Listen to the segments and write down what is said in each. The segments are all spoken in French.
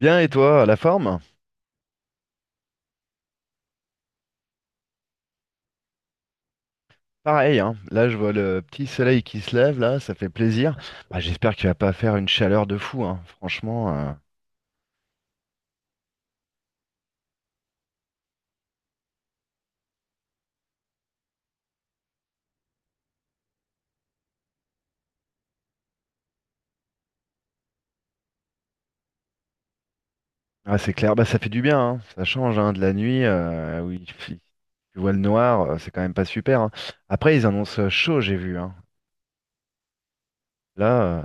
Bien, et toi, la forme? Pareil, hein. Là, je vois le petit soleil qui se lève, là, ça fait plaisir. Ah, j'espère qu'il va pas faire une chaleur de fou, hein. Franchement, ah, c'est clair, bah, ça fait du bien, hein. Ça change, hein, de la nuit, tu vois le noir, c'est quand même pas super, hein. Après, ils annoncent chaud, j'ai vu, hein. Là,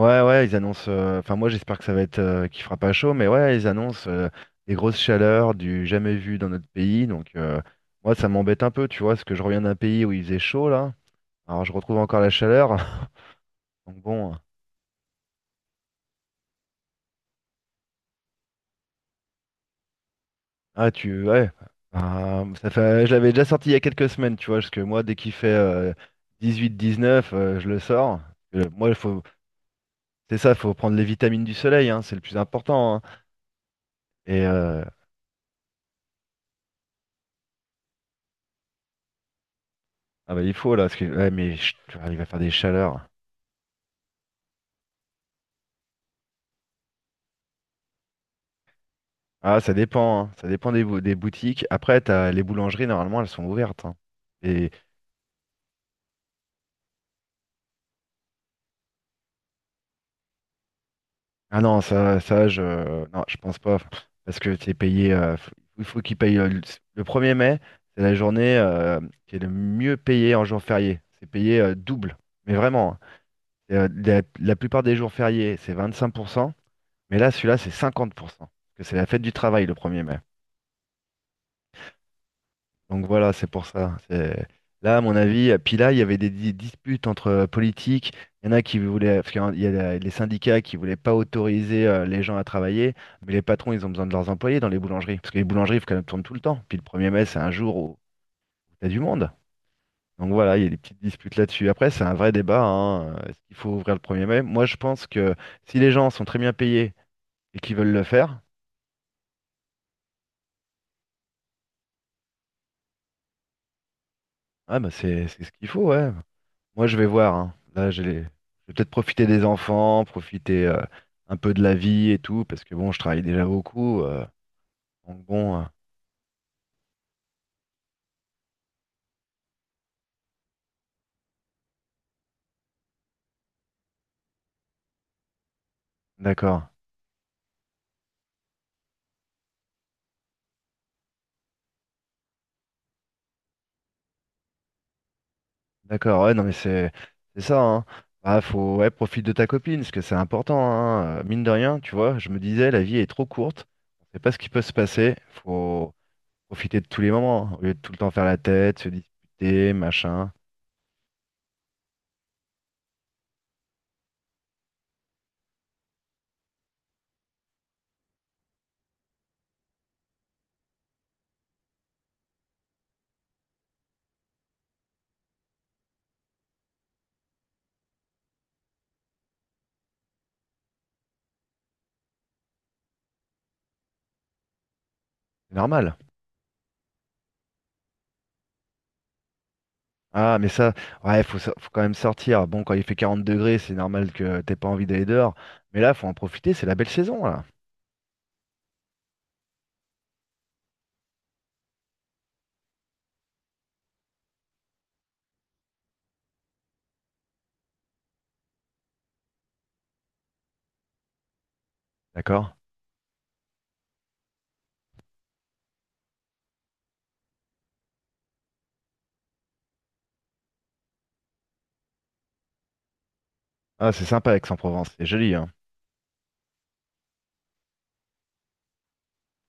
ouais, ouais, ils annoncent, enfin, moi, j'espère que ça va être, qu'il fera pas chaud, mais ouais, ils annoncent des grosses chaleurs du jamais vu dans notre pays, donc, moi, ça m'embête un peu, tu vois, parce que je reviens d'un pays où il faisait chaud, là. Alors je retrouve encore la chaleur. Donc bon, ah, tu ouais. Ah, ça fait, je l'avais déjà sorti il y a quelques semaines, tu vois, parce que moi dès qu'il fait 18-19, je le sors. Euh, moi il faut, c'est ça, il faut prendre les vitamines du soleil, hein, c'est le plus important, hein. Et euh, ah, bah, il faut là, parce que ouais, mais chut, il va faire des chaleurs. Ah, ça dépend, hein, ça dépend des, des boutiques. Après t'as les boulangeries, normalement elles sont ouvertes, hein. Et Ah, non, non, je pense pas. Parce que c'est payé, il faut qu'il paye le, 1er mai, c'est la journée qui est le mieux payée en jour férié. C'est payé double. Mais vraiment, hein. Et, la, plupart des jours fériés, c'est 25%, mais là, celui-là, c'est 50%. Parce que c'est la fête du travail le 1er mai. Donc voilà, c'est pour ça. Là, à mon avis, puis là, il y avait des, disputes entre politiques. Il y en a qui voulaient, parce qu'il y a les syndicats qui voulaient pas autoriser les gens à travailler, mais les patrons, ils ont besoin de leurs employés dans les boulangeries, parce que les boulangeries, il faut qu'elles tournent tout le temps. Puis le 1er mai, c'est un jour où t'as du monde. Donc voilà, il y a des petites disputes là-dessus. Après, c'est un vrai débat, hein. Est-ce qu'il faut ouvrir le 1er mai? Moi, je pense que si les gens sont très bien payés et qu'ils veulent le faire, ah, bah, c'est ce qu'il faut, ouais. Moi, je vais voir, hein. Là, je vais peut-être profiter des enfants, profiter un peu de la vie et tout, parce que bon, je travaille déjà beaucoup. Donc bon, euh, d'accord, d'accord. Ouais, non, mais c'est ça, hein. Bah, faut ouais, profite de ta copine, parce que c'est important, hein. Mine de rien, tu vois. Je me disais, la vie est trop courte. On sait pas ce qui peut se passer. Faut profiter de tous les moments, hein, au lieu de tout le temps faire la tête, se disputer, machin. C'est normal. Ah, mais ça, ouais, faut quand même sortir. Bon, quand il fait 40 degrés, c'est normal que t'aies pas envie d'aller dehors. Mais là, faut en profiter, c'est la belle saison, là. D'accord? Ah, c'est sympa Aix-en-Provence, c'est joli, hein.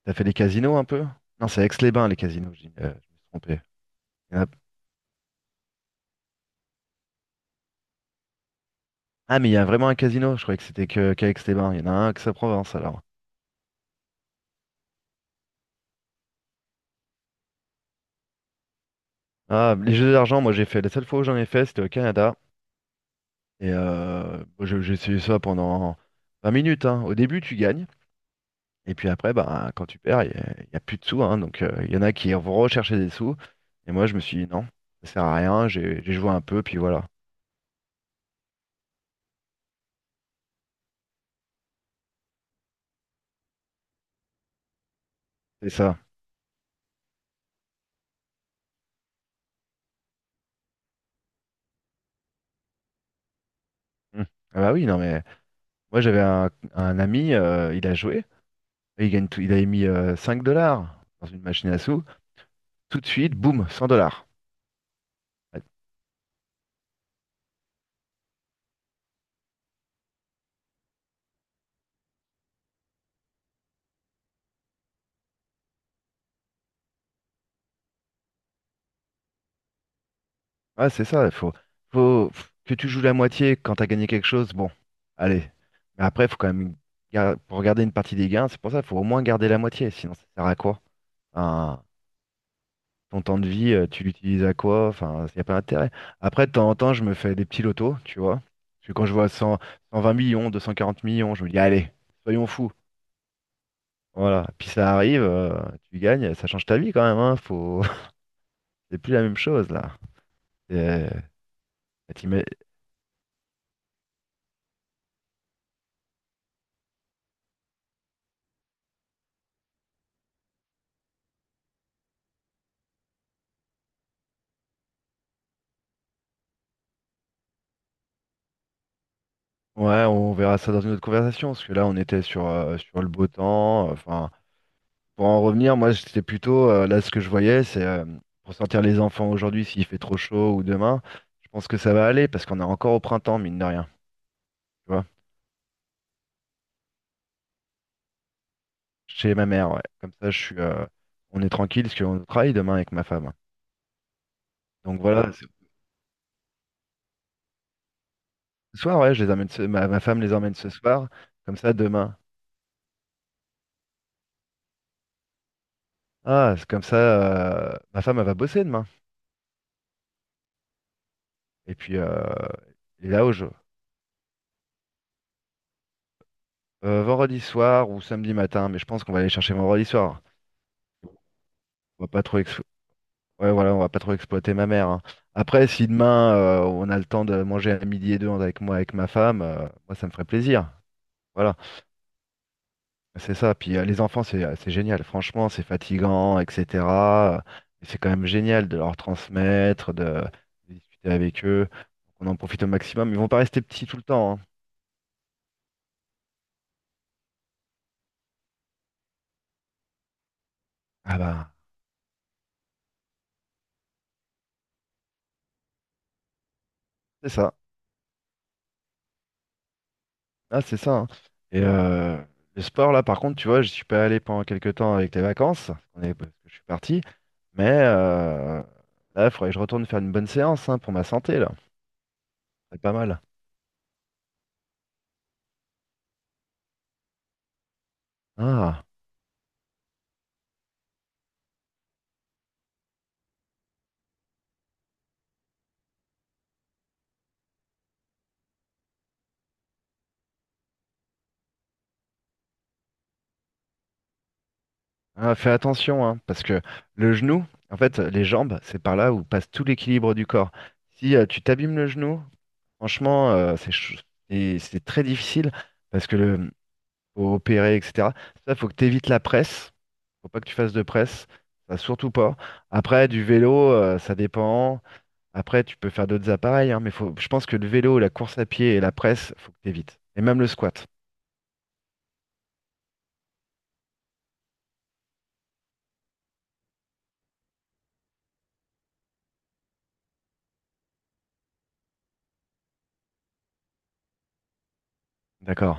T'as fait des casinos un peu? Non, c'est Aix-les-Bains, les casinos, je me suis trompé. Il y en a- Ah, mais il y a vraiment un casino, je croyais que c'était que qu'à Aix-les-Bains. Il y en a un à Aix-en-Provence, alors. Ah, les jeux d'argent, moi j'ai fait, la seule fois où j'en ai fait, c'était au Canada. Bon, j'ai essayé ça pendant 20 minutes, hein. Au début, tu gagnes. Et puis après, ben, quand tu perds, y a plus de sous, hein. Donc, il y en a qui vont rechercher des sous. Et moi, je me suis dit non, ça sert à rien. J'ai joué un peu, puis voilà. C'est ça. Mm. Ah, bah, oui, non, mais moi, j'avais un ami, il a joué, et il gagne tout. Il avait mis 5 dollars dans une machine à sous. Tout de suite, boum, 100 dollars. Ouais. Ouais, c'est ça. Faut que tu joues la moitié quand tu as gagné quelque chose. Bon, allez. Mais après, il faut quand même, pour garder une partie des gains, c'est pour ça, il faut au moins garder la moitié. Sinon, ça sert à quoi? Enfin, ton temps de vie, tu l'utilises à quoi? Enfin, il n'y a pas d'intérêt. Après, de temps en temps, je me fais des petits lotos, tu vois. Parce que quand je vois 100, 120 millions, 240 millions, je me dis, allez, soyons fous. Voilà. Puis ça arrive, tu gagnes, ça change ta vie quand même, hein. Faut... C'est plus la même chose, là. C'est- t'imag- Ouais, on verra ça dans une autre conversation, parce que là, on était sur le beau temps. Enfin. Pour en revenir, moi, c'était plutôt, là, ce que je voyais, c'est pour sortir les enfants aujourd'hui, s'il fait trop chaud ou demain, je pense que ça va aller parce qu'on est encore au printemps, mine de rien, tu vois, chez ma mère, ouais. Comme ça, on est tranquille parce qu'on travaille demain avec ma femme. Donc voilà, ce soir, ouais, je les emmène, ma, femme les emmène ce soir, comme ça, demain. Ah, c'est comme ça, ma femme, elle va bosser demain. Et puis, euh, et là, au jeu. Vendredi soir ou samedi matin, mais je pense qu'on va aller chercher vendredi soir. On va pas trop ex- Ouais, voilà, on va pas trop exploiter ma mère, hein. Après, si demain on a le temps de manger à midi et deux avec moi, avec ma femme, moi ça me ferait plaisir. Voilà, c'est ça. Puis les enfants, c'est génial. Franchement, c'est fatigant, etc. euh, mais c'est quand même génial de leur transmettre, de discuter avec eux. On en profite au maximum. Ils vont pas rester petits tout le temps, hein. Ah bah, c'est ça. Ah, c'est ça, hein. Et euh, le sport, là, par contre, tu vois, je suis pas allé pendant quelques temps avec les vacances, parce que je suis parti. Mais euh, Là, il faudrait que je retourne faire une bonne séance, hein, pour ma santé, là. C'est pas mal. Ah, ah, fais attention, hein, parce que le genou, en fait, les jambes, c'est par là où passe tout l'équilibre du corps. Si tu t'abîmes le genou, franchement, et c'est très difficile parce que le faut opérer, etc. Ça, faut que tu évites la presse. Faut pas que tu fasses de presse. Ça, surtout pas. Après, du vélo, ça dépend. Après, tu peux faire d'autres appareils, hein, mais faut... je pense que le vélo, la course à pied et la presse, faut que t'évites. Et même le squat. D'accord.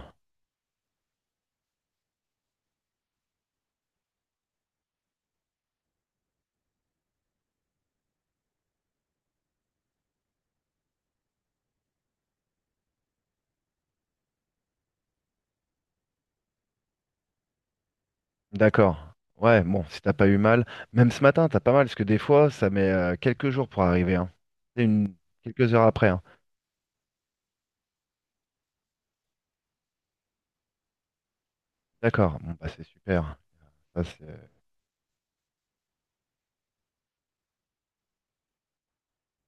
D'accord. Ouais, bon, si t'as pas eu mal. Même ce matin, t'as pas mal, parce que des fois, ça met quelques jours pour arriver, hein. C'est une... quelques heures après, hein. D'accord. Bon, bah, c'est super. Ça, c'est- euh,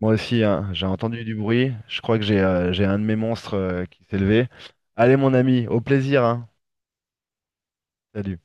Moi aussi, hein, j'ai entendu du bruit. Je crois que j'ai un de mes monstres qui s'est levé. Allez, mon ami, au plaisir, hein. Salut.